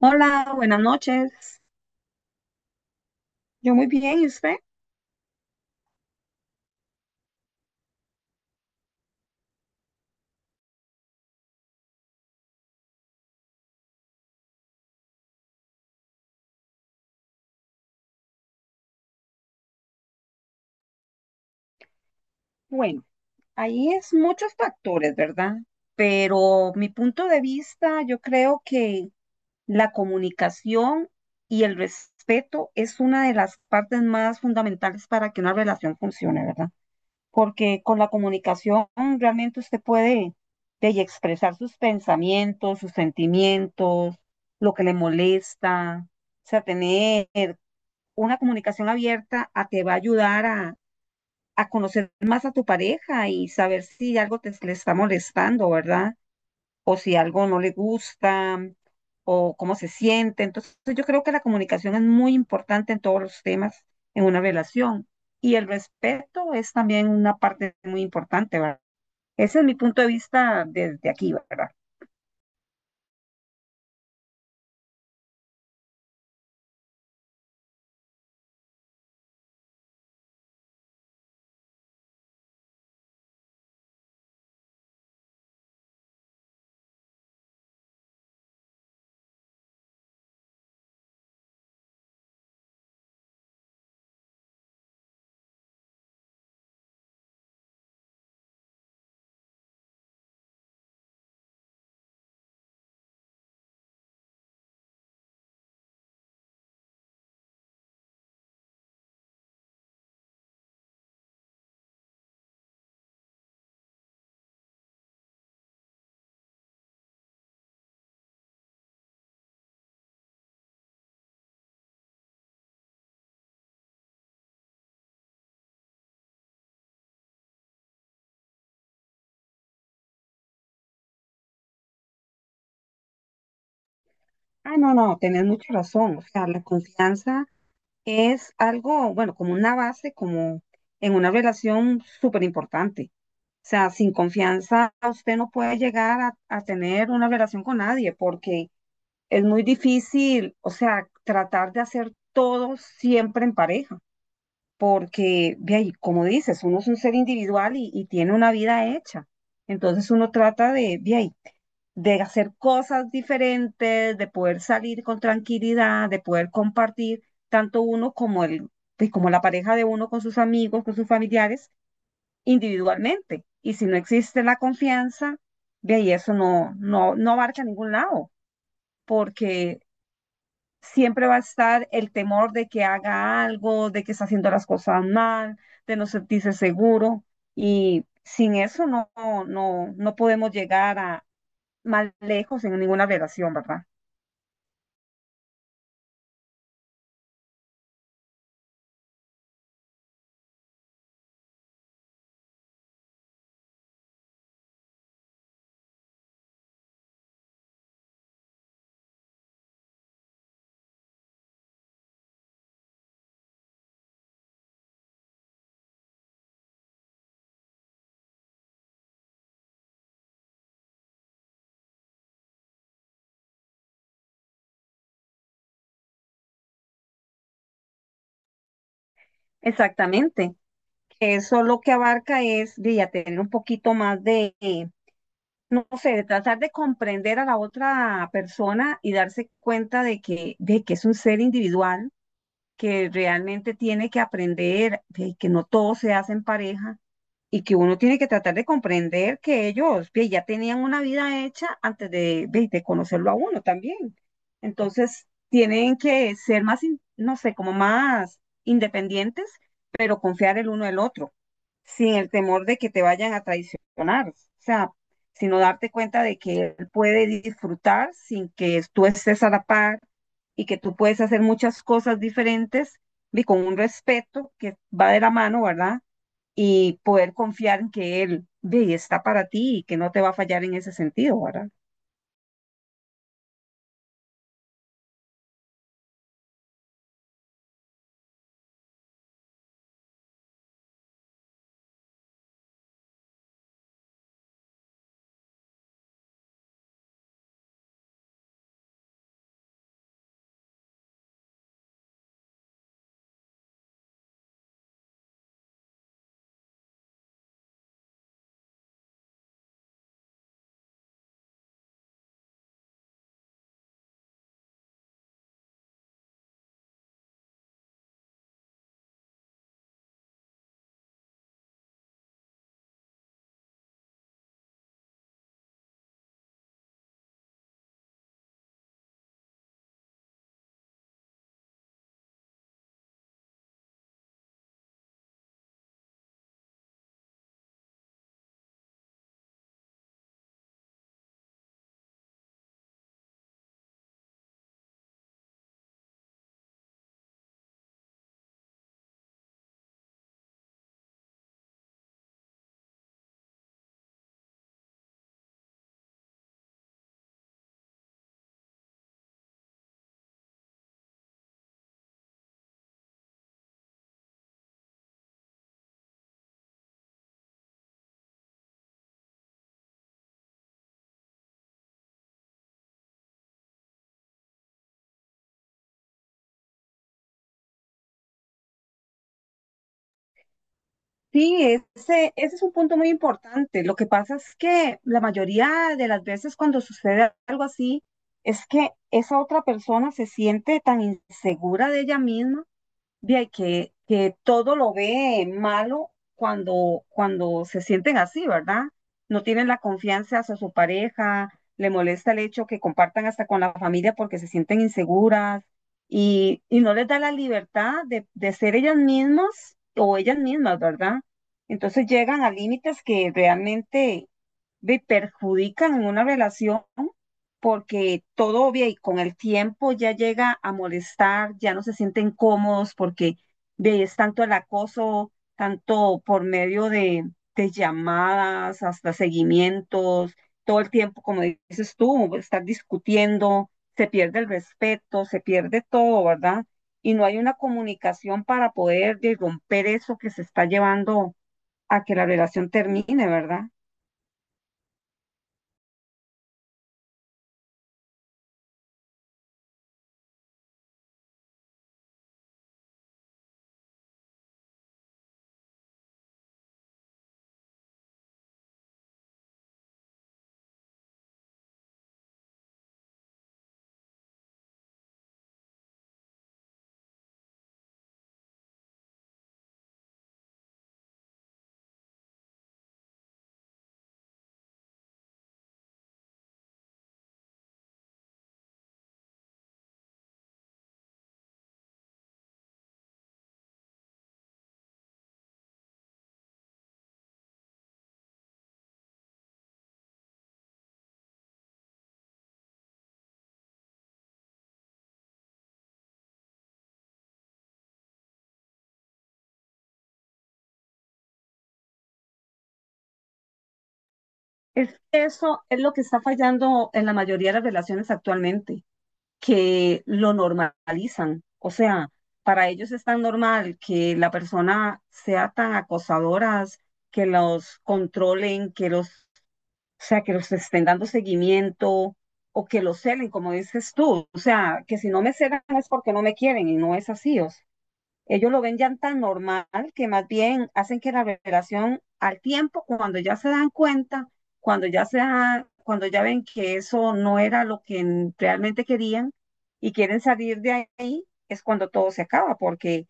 Hola, buenas noches. Yo muy bien, ¿y usted? Bueno, ahí es muchos factores, ¿verdad? Pero mi punto de vista, yo creo que la comunicación y el respeto es una de las partes más fundamentales para que una relación funcione, ¿verdad? Porque con la comunicación realmente usted puede de, y expresar sus pensamientos, sus sentimientos, lo que le molesta, o sea, tener una comunicación abierta, te va a ayudar a conocer más a tu pareja y saber si algo le está molestando, ¿verdad? O si algo no le gusta o cómo se siente. Entonces yo creo que la comunicación es muy importante en todos los temas en una relación y el respeto es también una parte muy importante, ¿verdad? Ese es mi punto de vista desde aquí, ¿verdad? Ah, no, no, tenés mucha razón. O sea, la confianza es algo, bueno, como una base, como en una relación súper importante. O sea, sin confianza usted no puede llegar a tener una relación con nadie porque es muy difícil, o sea, tratar de hacer todo siempre en pareja porque, ve ahí, como dices, uno es un ser individual y tiene una vida hecha. Entonces uno trata de, ve ahí, de hacer cosas diferentes, de poder salir con tranquilidad, de poder compartir tanto uno como el, pues, como la pareja de uno con sus amigos, con sus familiares, individualmente. Y si no existe la confianza, ve ahí eso no abarca a ningún lado, porque siempre va a estar el temor de que haga algo, de que está haciendo las cosas mal, de no sentirse seguro. Y sin eso no podemos llegar a más lejos en ninguna relación, ¿verdad? Exactamente. Eso lo que abarca es de ya tener un poquito más de, no sé, de tratar de comprender a la otra persona y darse cuenta de que es un ser individual, que realmente tiene que aprender, de que no todo se hace en pareja y que uno tiene que tratar de comprender que ellos ve, ya tenían una vida hecha antes de, ve, de conocerlo a uno también. Entonces, tienen que ser más, no sé, como más independientes, pero confiar el uno el otro, sin el temor de que te vayan a traicionar. O sea, sino darte cuenta de que él puede disfrutar sin que tú estés a la par y que tú puedes hacer muchas cosas diferentes y con un respeto que va de la mano, ¿verdad? Y poder confiar en que él ve, está para ti y que no te va a fallar en ese sentido, ¿verdad? Sí, ese es un punto muy importante. Lo que pasa es que la mayoría de las veces cuando sucede algo así, es que esa otra persona se siente tan insegura de ella misma. Bien, que todo lo ve malo cuando se sienten así, ¿verdad? No tienen la confianza hacia su pareja, le molesta el hecho que compartan hasta con la familia porque se sienten inseguras y no les da la libertad de ser ellas mismas o ellas mismas, ¿verdad? Entonces llegan a límites que realmente ve, perjudican en una relación porque todo obvia y con el tiempo ya llega a molestar, ya no se sienten cómodos porque de, es tanto el acoso, tanto por medio de llamadas, hasta seguimientos, todo el tiempo, como dices tú, estar discutiendo, se pierde el respeto, se pierde todo, ¿verdad? Y no hay una comunicación para poder de, romper eso que se está llevando a que la relación termine, ¿verdad? Es que eso es lo que está fallando en la mayoría de las relaciones actualmente, que lo normalizan. O sea, para ellos es tan normal que la persona sea tan acosadoras, que los controlen, que los, o sea, que los estén dando seguimiento o que los celen, como dices tú. O sea, que si no me celan es porque no me quieren y no es así. O ellos lo ven ya tan normal que más bien hacen que la revelación al tiempo, cuando ya se dan cuenta, cuando ya ven que eso no era lo que realmente querían y quieren salir de ahí, es cuando todo se acaba, porque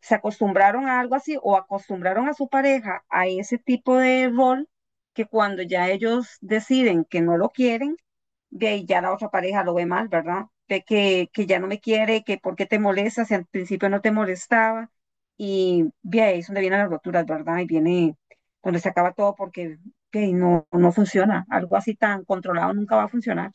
se acostumbraron a algo así o acostumbraron a su pareja a ese tipo de rol que cuando ya ellos deciden que no lo quieren, ve ahí ya la otra pareja lo ve mal, ¿verdad? Ve que ya no me quiere, que por qué te molesta, si al principio no te molestaba, y ve ahí es donde vienen las roturas, ¿verdad? Y viene donde se acaba todo porque ve ahí no funciona, algo así tan controlado nunca va a funcionar.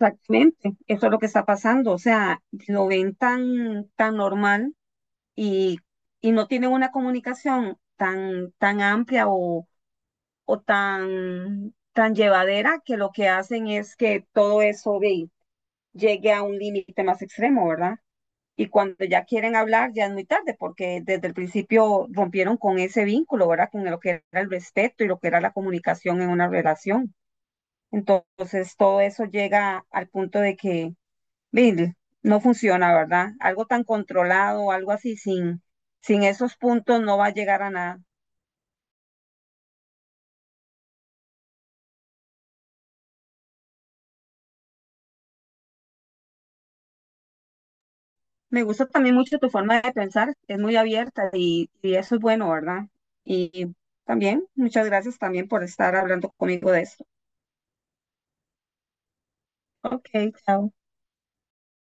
Exactamente, eso es lo que está pasando, o sea, lo ven tan normal y, y no tienen una comunicación tan amplia o tan llevadera que lo que hacen es que todo eso ve llegue a un límite más extremo, ¿verdad? Y cuando ya quieren hablar, ya es muy tarde, porque desde el principio rompieron con ese vínculo, ¿verdad? Con lo que era el respeto y lo que era la comunicación en una relación. Entonces, todo eso llega al punto de que mire, no funciona, ¿verdad? Algo tan controlado, algo así, sin, sin esos puntos no va a llegar a nada. Me gusta también mucho tu forma de pensar, es muy abierta y eso es bueno, ¿verdad? Y también, muchas gracias también por estar hablando conmigo de eso. Ok, chao.